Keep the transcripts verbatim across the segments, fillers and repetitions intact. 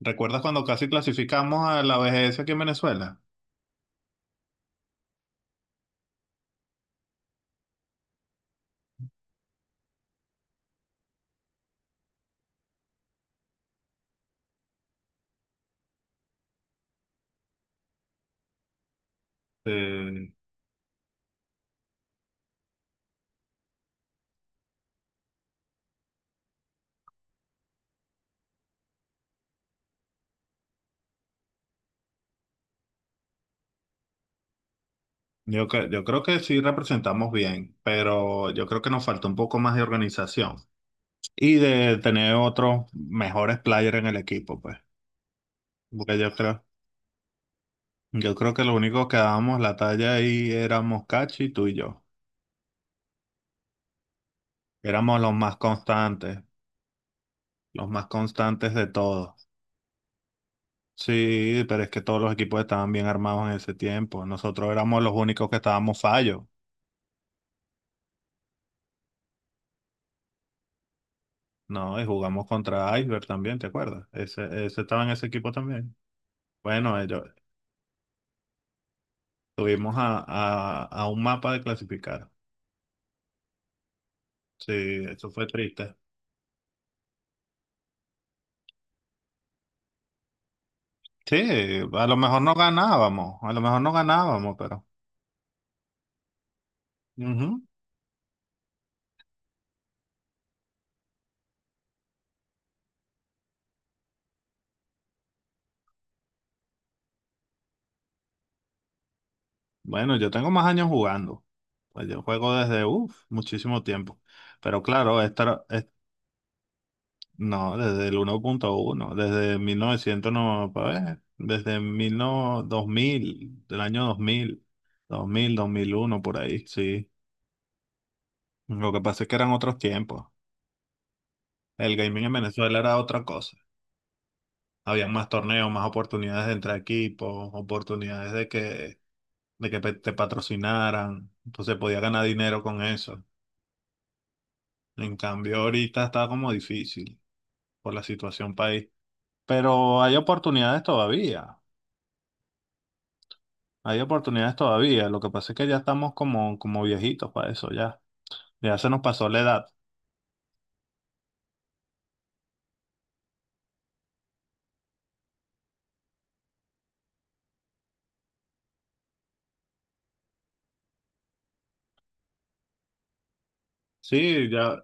¿Recuerdas cuando casi clasificamos a la B G S aquí en Venezuela? Eh, yo, cre- yo creo que sí representamos bien, pero yo creo que nos falta un poco más de organización y de tener otros mejores players en el equipo, pues. Porque yo creo, yo creo que lo único que dábamos la talla ahí éramos Cachi, tú y yo. Éramos los más constantes, los más constantes de todos. Sí, pero es que todos los equipos estaban bien armados en ese tiempo. Nosotros éramos los únicos que estábamos fallos. No, y jugamos contra Iceberg también, ¿te acuerdas? Ese, ese estaba en ese equipo también. Bueno, ellos tuvimos a, a, a un mapa de clasificar. Sí, eso fue triste. Sí, a lo mejor no ganábamos, a lo mejor no ganábamos, pero ujú. Bueno, yo tengo más años jugando. Pues yo juego desde, uff, muchísimo tiempo. Pero claro, esta, No, desde el uno punto uno, desde mil novecientos no, para ver, desde mil no dos mil del año dos dos mil dos mil dos mil uno por ahí, sí. Lo que pasa es que eran otros tiempos. El gaming en Venezuela era otra cosa. Había más torneos, más oportunidades de entre equipos, oportunidades de que, de que pe- te patrocinaran. Entonces podía ganar dinero con eso. En cambio, ahorita está como difícil por la situación país. Pero hay oportunidades todavía. Hay oportunidades todavía, lo que pasa es que ya estamos como, como viejitos para eso, ya. Ya se nos pasó la edad. Sí, ya,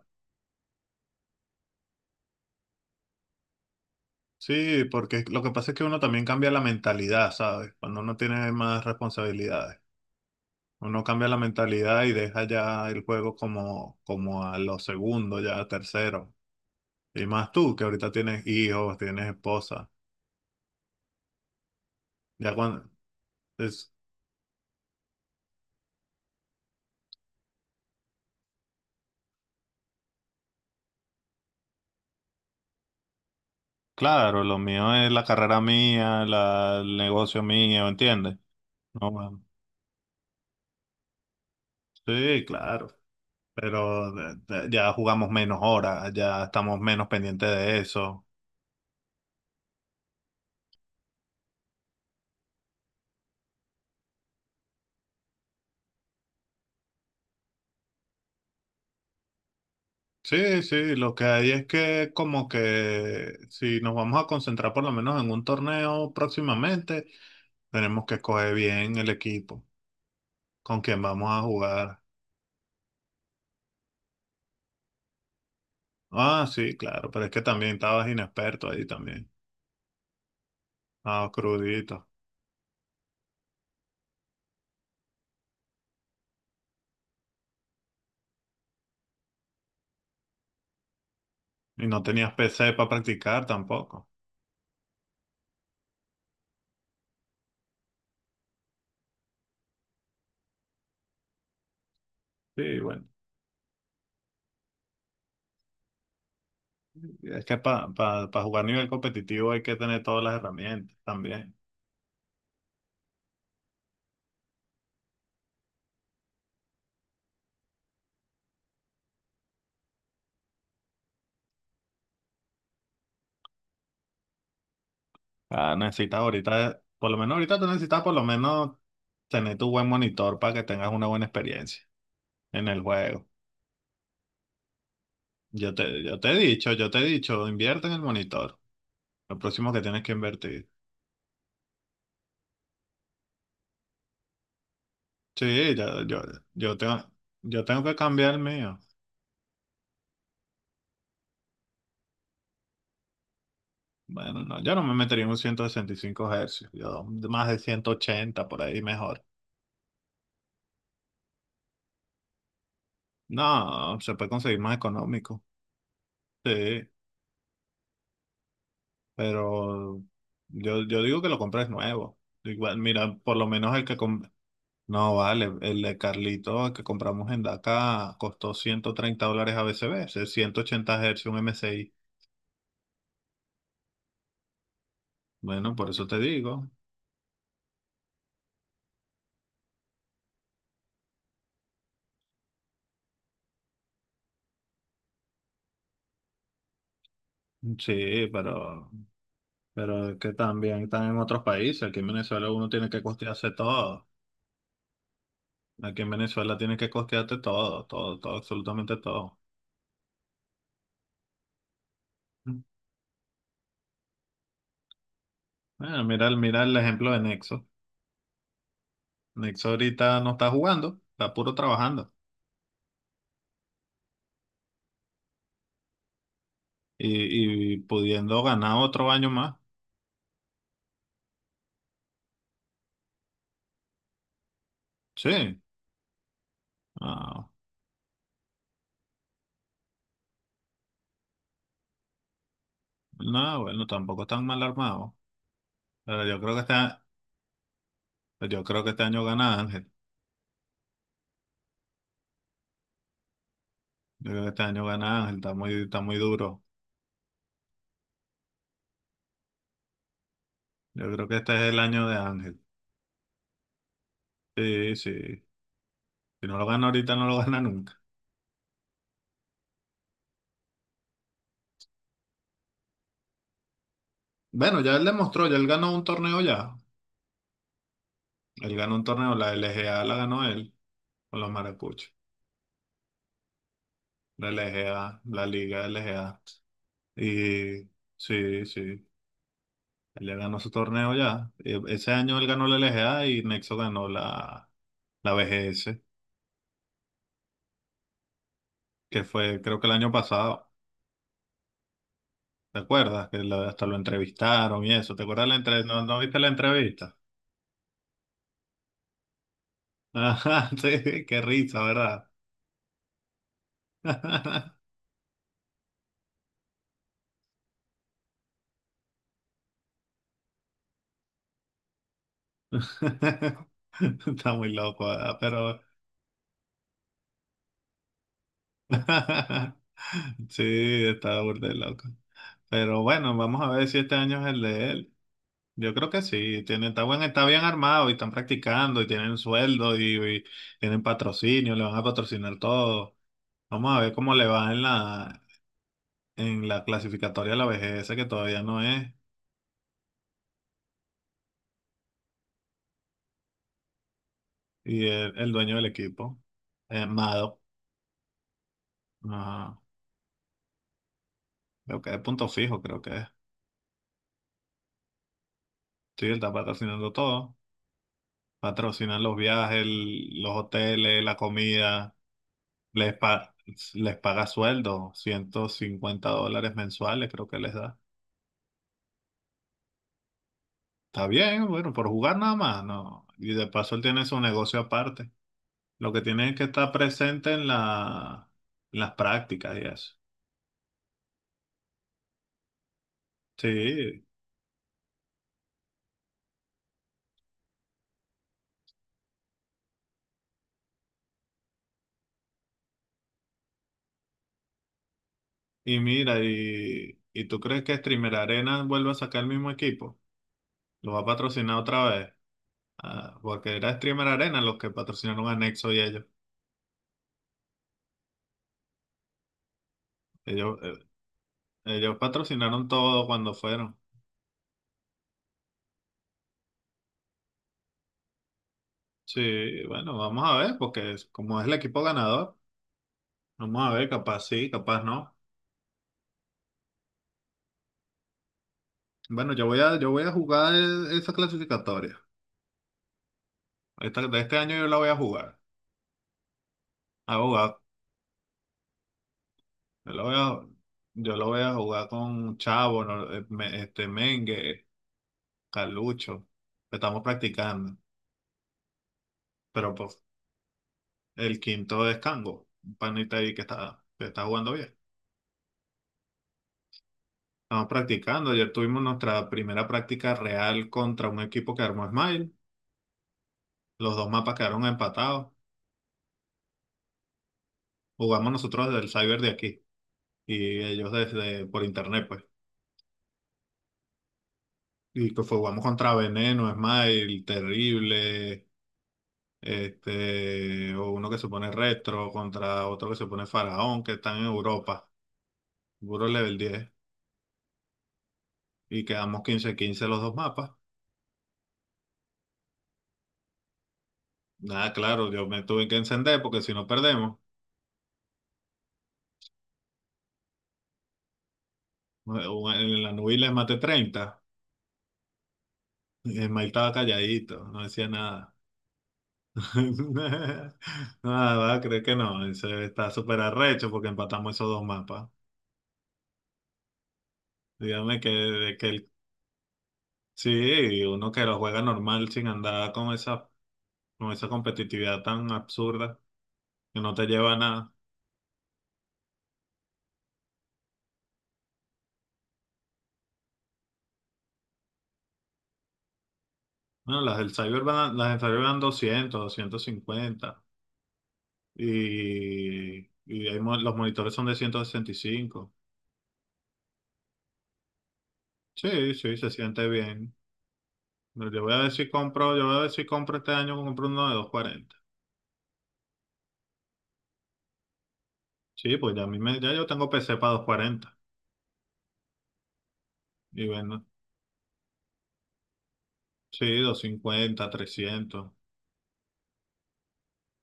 sí, porque lo que pasa es que uno también cambia la mentalidad, ¿sabes? Cuando uno tiene más responsabilidades. Uno cambia la mentalidad y deja ya el juego como, como a los segundos, ya a tercero. Y más tú, que ahorita tienes hijos, tienes esposa. Ya cuando es, claro, lo mío es la carrera mía, la, el negocio mío, ¿entiendes? No, bueno, sí, claro. Pero de- de- ya jugamos menos horas, ya estamos menos pendientes de eso. Sí, sí, lo que hay es que como que si nos vamos a concentrar por lo menos en un torneo próximamente, tenemos que escoger bien el equipo con quien vamos a jugar. Ah, sí, claro, pero es que también estabas inexperto ahí también. Ah, crudito. Y no tenías P C para practicar tampoco. Sí, bueno, es que para jugar nivel competitivo hay que tener todas las herramientas también. Ah, necesitas ahorita, por lo menos ahorita tú necesitas por lo menos tener tu buen monitor para que tengas una buena experiencia en el juego. Yo te, yo te he dicho, yo te he dicho, invierte en el monitor. Lo próximo que tienes que invertir. Sí, yo, yo, yo tengo, yo tengo que cambiar el mío. Bueno, no, yo no me metería en un ciento sesenta y cinco hercios, yo más de ciento ochenta por ahí mejor. No, se puede conseguir más económico. Sí, pero yo, yo digo que lo compres nuevo. Igual, mira, por lo menos el que, com- No, vale, el de Carlito que compramos en DACA costó ciento treinta dólares a ABCB, es ciento ochenta hercios un M S I. Bueno, por eso te digo. Sí, pero, pero es que también están en otros países. Aquí en Venezuela uno tiene que costearse todo. Aquí en Venezuela tienes que costearte todo, todo, todo, absolutamente todo. Bueno, mira, el- mira el ejemplo de Nexo. Nexo ahorita no está jugando, está puro trabajando y, y pudiendo ganar otro año más. Sí. Ah, no, bueno, tampoco están mal armados. Pero yo creo que este, yo creo que este año gana Ángel. Yo creo que este año gana Ángel, está muy, está muy duro. Yo creo que este es el año de Ángel. Sí, sí. Si no lo gana ahorita, no lo gana nunca. Bueno, ya él demostró, ya él ganó un torneo ya. Él ganó un torneo, la L G A la ganó él con los maracuchos. La L G A, la Liga L G A. Y sí, sí. Él ya ganó su torneo ya. E- Ese año él ganó la L G A y Nexo ganó la, la B G S. Que fue creo que el año pasado, ¿te acuerdas? Que lo- hasta lo entrevistaron y eso, ¿te acuerdas la entrevista? ¿No, no viste la entrevista? Ajá, sí, qué risa, ¿verdad? Está muy loco, ¿verdad? Pero sí, está burda de loco. Pero bueno, vamos a ver si este año es el de él. Yo creo que sí, tiene, está buen, está bien armado y están practicando y tienen sueldo y, y tienen patrocinio, le van a patrocinar todo. Vamos a ver cómo le va en la, en la clasificatoria de la vejez, que todavía no es, y el, el dueño del equipo, eh, Mado, ajá, creo que es punto fijo, creo que es. Sí, él está patrocinando todo, patrocinan los viajes, el- los hoteles, la comida, les, pa- les paga sueldo, ciento cincuenta dólares mensuales creo que les da. Está bien, bueno, por jugar nada más, no. Y de paso él tiene su negocio aparte. Lo que tiene es que estar presente en la, en las prácticas y eso. Sí. Y mira, y, ¿y tú crees que Streamer Arena vuelve a sacar el mismo equipo? ¿Lo va a patrocinar otra vez? Ah, porque era Streamer Arena los que patrocinaron a Nexo y ellos. Ellos, eh, ellos patrocinaron todo cuando fueron. Sí, bueno, vamos a ver, porque es- como es el equipo ganador, vamos a ver, capaz sí, capaz no. Bueno, yo voy a, yo voy a jugar e- esa clasificatoria. Esta- de este año yo la voy a jugar. A jugar. Yo la voy a, yo la voy a jugar con Chavo, no- eh, me- este, Mengue. Calucho. Estamos practicando. Pero pues, el quinto es Cango, un panita ahí que está, que está jugando bien. Estamos practicando. Ayer tuvimos nuestra primera práctica real contra un equipo que armó Smile. Los dos mapas quedaron empatados. Jugamos nosotros desde el cyber de aquí y ellos desde por internet, pues. Y pues jugamos contra Veneno, Smile, Terrible, este, o uno que se pone Retro, contra otro que se pone Faraón, que están en Europa. Puro level diez. Y quedamos quince quince los dos mapas. Nada, claro, yo me tuve que encender porque si no perdemos. O En la nube les maté treinta. El Mike estaba calladito, no decía nada. Nada, creo que no. Ese está súper arrecho porque empatamos esos dos mapas. Dígame que, de que el- sí, uno que lo juega normal sin andar con esa, con esa competitividad tan absurda que no te lleva a nada. Bueno, las del Cyber van, las del Cyber van doscientos doscientos cincuenta. Y, y hay mo- los monitores son de ciento sesenta y cinco. Sí, sí, se siente bien. Pero Yo voy a ver si compro, yo voy a ver si compro este año, compro uno de doscientos cuarenta. Sí, pues ya, a mí me, ya yo tengo P C para doscientos cuarenta. Y bueno, sí, doscientos cincuenta trescientos.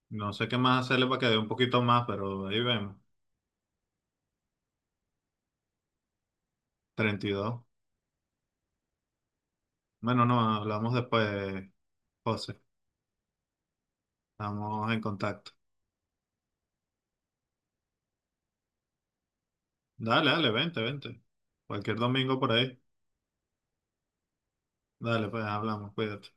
No sé qué más hacerle para que dé un poquito más, pero ahí vemos. Treinta y dos. Bueno, no, hablamos después, José. Estamos en contacto. Dale, dale, vente, vente. Cualquier domingo por ahí. Dale, pues hablamos, cuídate.